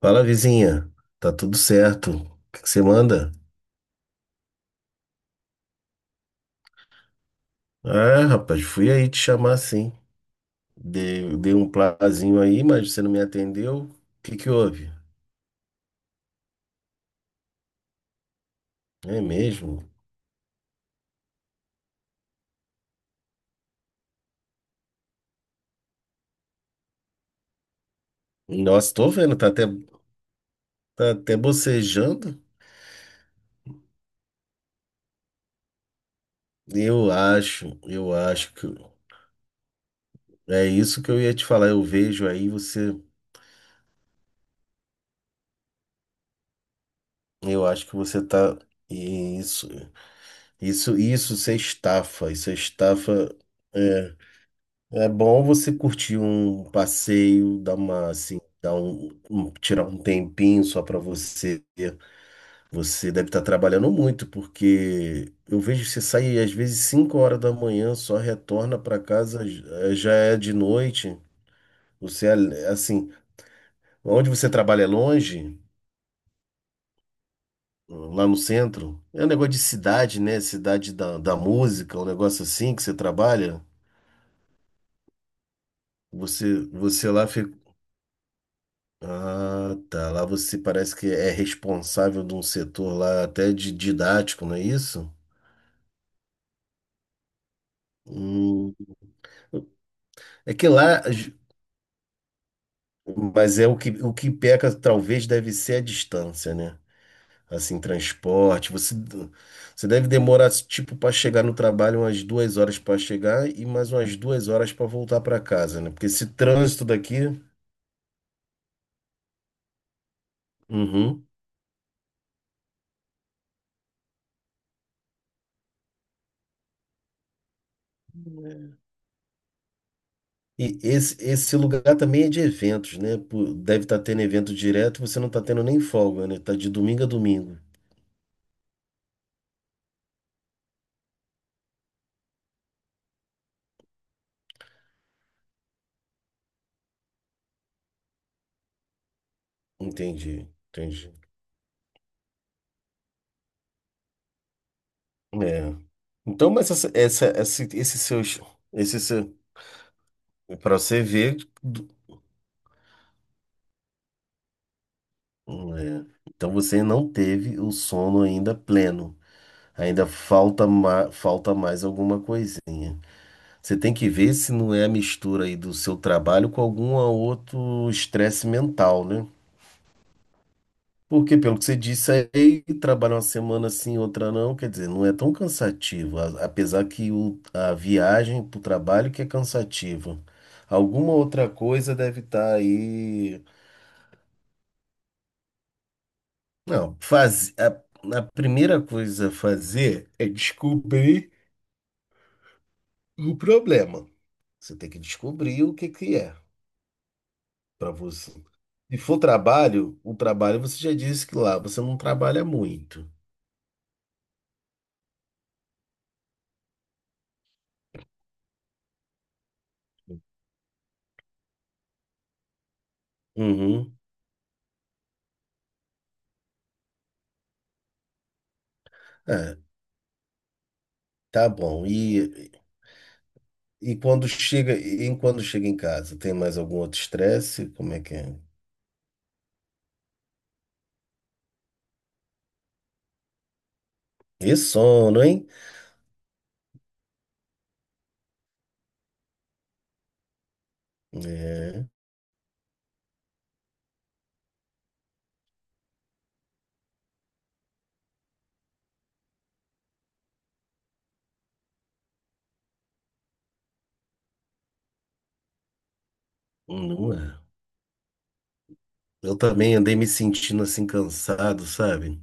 Fala, vizinha. Tá tudo certo. O que que você manda? Ah, rapaz, fui aí te chamar sim. Dei um plazinho aí, mas você não me atendeu. O que que houve? É mesmo? Nossa, tô vendo, tá até bocejando. Eu acho que é isso que eu ia te falar. Eu vejo aí você, eu acho que você tá isso, isso é estafa, isso é estafa. é, É bom você curtir um passeio, tirar um tempinho só para você. Você deve estar trabalhando muito, porque eu vejo você sair às vezes 5 horas da manhã, só retorna para casa, já é de noite. Você é assim, onde você trabalha é longe, lá no centro. É um negócio de cidade, né? Cidade da música, um negócio assim que você trabalha. Você lá. Ah, tá. Lá você parece que é responsável de um setor lá até de didático, não é isso? Hum. É que lá, mas é o que peca talvez deve ser a distância, né? Assim, transporte. Você deve demorar, tipo, para chegar no trabalho umas duas horas para chegar e mais umas duas horas para voltar para casa, né? Porque esse trânsito daqui. Uhum. E esse lugar também é de eventos, né? Pô, deve estar tendo evento direto, você não está tendo nem folga, né? Tá de domingo a domingo. Entendi, entendi. É. Então, mas esse seu, esse seu, para você ver, é. Então você não teve o sono ainda pleno. Ainda falta, falta mais alguma coisinha. Você tem que ver se não é a mistura aí do seu trabalho com algum outro estresse mental, né? Porque, pelo que você disse aí, trabalhar uma semana sim, outra não, quer dizer, não é tão cansativo, apesar que a viagem para o trabalho que é cansativa. Alguma outra coisa deve estar aí. Não, a primeira coisa a fazer é descobrir o problema. Você tem que descobrir o que que é para você. Se for trabalho, o trabalho você já disse que lá você não trabalha muito. Uhum. É, tá bom. E quando chega em casa, tem mais algum outro estresse? Como é que é? E sono, hein? É, não é. Eu também andei me sentindo assim cansado, sabe?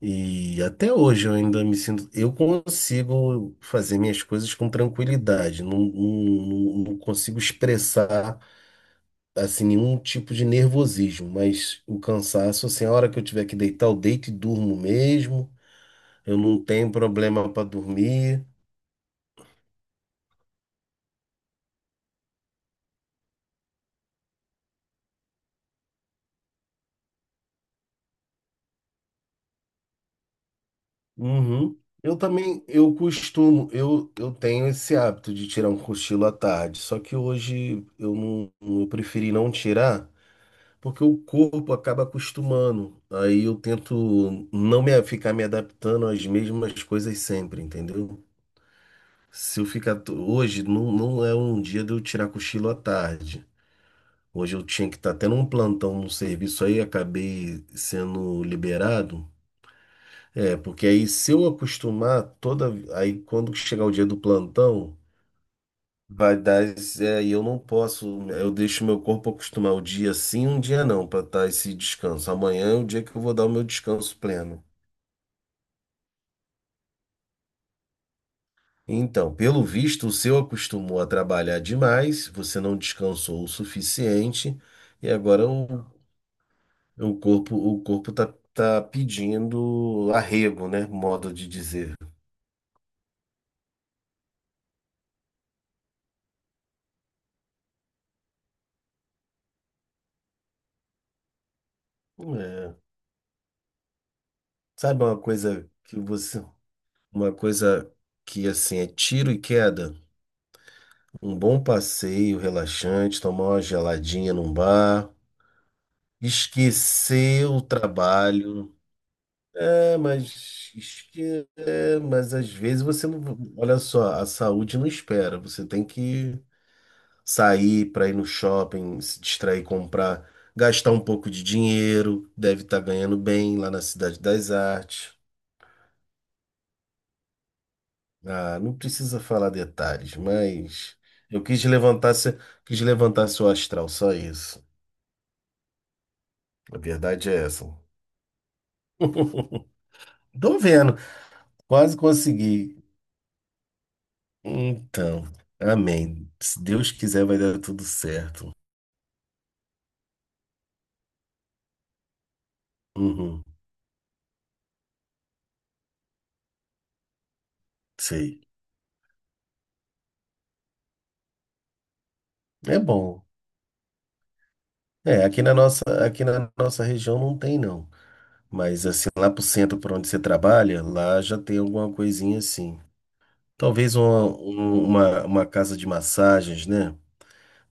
E até hoje eu ainda me sinto. Eu consigo fazer minhas coisas com tranquilidade, não consigo expressar assim nenhum tipo de nervosismo, mas o cansaço, assim, a hora que eu tiver que deitar, eu deito e durmo mesmo. Eu não tenho problema para dormir. Uhum. Eu também, eu costumo, eu tenho esse hábito de tirar um cochilo à tarde, só que hoje eu não, eu preferi não tirar, porque o corpo acaba acostumando. Aí eu tento não me, ficar me adaptando às mesmas coisas sempre, entendeu? Se eu ficar, hoje não, não é um dia de eu tirar cochilo à tarde. Hoje eu tinha que estar tendo um plantão no serviço aí, acabei sendo liberado. É, porque aí se eu acostumar toda. Aí quando chegar o dia do plantão, vai dar. É, e eu não posso. Eu deixo meu corpo acostumar o dia sim, um dia não, para dar esse descanso. Amanhã é o dia que eu vou dar o meu descanso pleno. Então, pelo visto, o seu acostumou a trabalhar demais, você não descansou o suficiente, e agora o corpo, tá pedindo arrego, né? Modo de dizer. É, sabe uma coisa que você. Uma coisa que assim é tiro e queda, um bom passeio relaxante, tomar uma geladinha num bar, esquecer o trabalho. É, mas mas às vezes você não, olha só, a saúde não espera. Você tem que sair para ir no shopping, se distrair, comprar, gastar um pouco de dinheiro, deve estar ganhando bem lá na Cidade das Artes. Ah, não precisa falar detalhes, mas eu quis levantar, se- quis levantar seu astral, só isso. A verdade é essa. Tô vendo, quase consegui. Então, amém. Se Deus quiser, vai dar tudo certo. Uhum, sei. É bom. É, aqui na nossa região não tem, não. Mas assim, lá pro centro por onde você trabalha, lá já tem alguma coisinha assim. Talvez uma casa de massagens, né?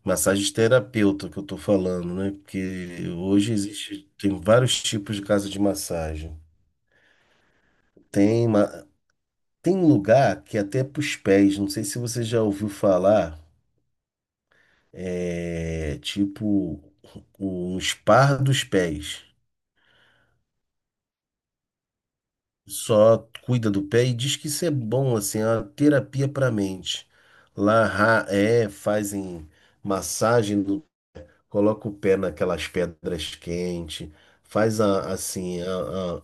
Massagem terapeuta que eu tô falando, né? Porque hoje existe, tem vários tipos de casa de massagem. Tem, ma- tem lugar que é até pros pés, não sei se você já ouviu falar, é tipo um spa dos pés. Só cuida do pé e diz que isso é bom, assim, é uma terapia para mente. Fazem massagem, coloca o pé naquelas pedras quentes faz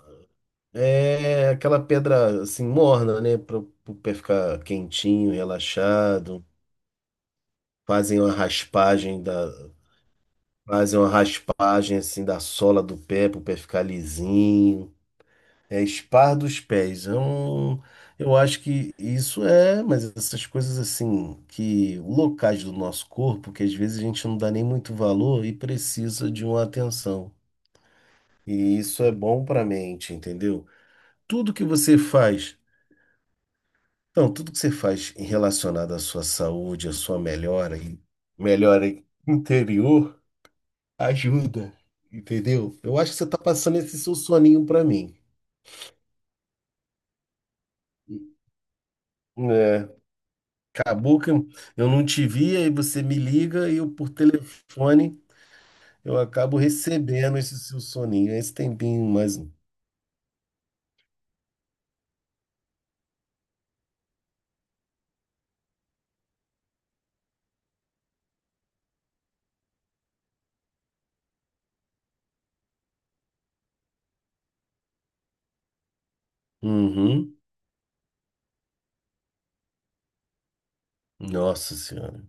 é aquela pedra assim morna, né? Para o pé ficar quentinho, relaxado. Fazem uma raspagem fazem uma raspagem assim da sola do pé para o pé ficar lisinho. É espar dos pés. É um, eu acho que isso é, mas essas coisas assim que locais do nosso corpo que às vezes a gente não dá nem muito valor e precisa de uma atenção. E isso é bom para a mente, entendeu? Tudo que você faz Então, tudo que você faz em relacionado à sua saúde, à sua melhora e melhora interior, ajuda, entendeu? Eu acho que você tá passando esse seu soninho pra mim. É, acabou que eu não te via e você me liga e eu por telefone eu acabo recebendo esse seu soninho, esse tempinho mais. Um. Uhum. Nossa Senhora.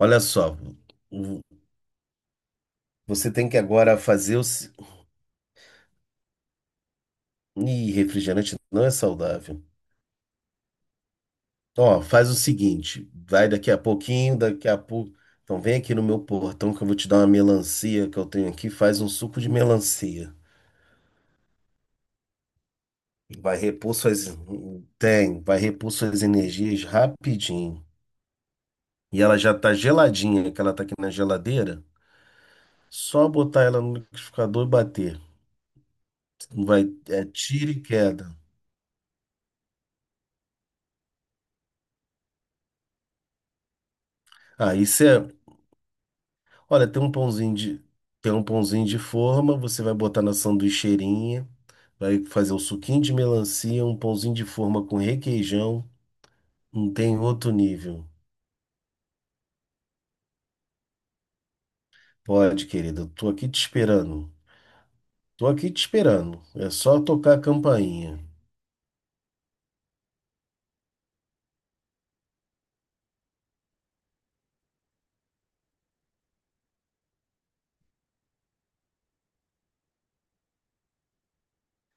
Olha só, o- você tem que agora fazer o. se- Ih, refrigerante não é saudável. Ó, faz o seguinte, vai daqui a pouquinho, daqui a pouco. Então vem aqui no meu portão que eu vou te dar uma melancia que eu tenho aqui, faz um suco de melancia. Vai repor suas. Tem, vai repor suas energias rapidinho. E ela já tá geladinha, que ela tá aqui na geladeira. Só botar ela no liquidificador e bater. Não, é tiro e queda. Ah, isso é. Olha, tem um pãozinho de. Tem um pãozinho de forma, você vai botar na sanduicheirinha. Vai fazer um suquinho de melancia, um pãozinho de forma com requeijão. Não tem outro nível. Pode, querida. Eu Tô aqui te esperando. É só tocar a campainha.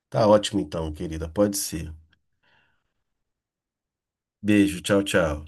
Tá ótimo então, querida. Pode ser. Beijo. Tchau, tchau.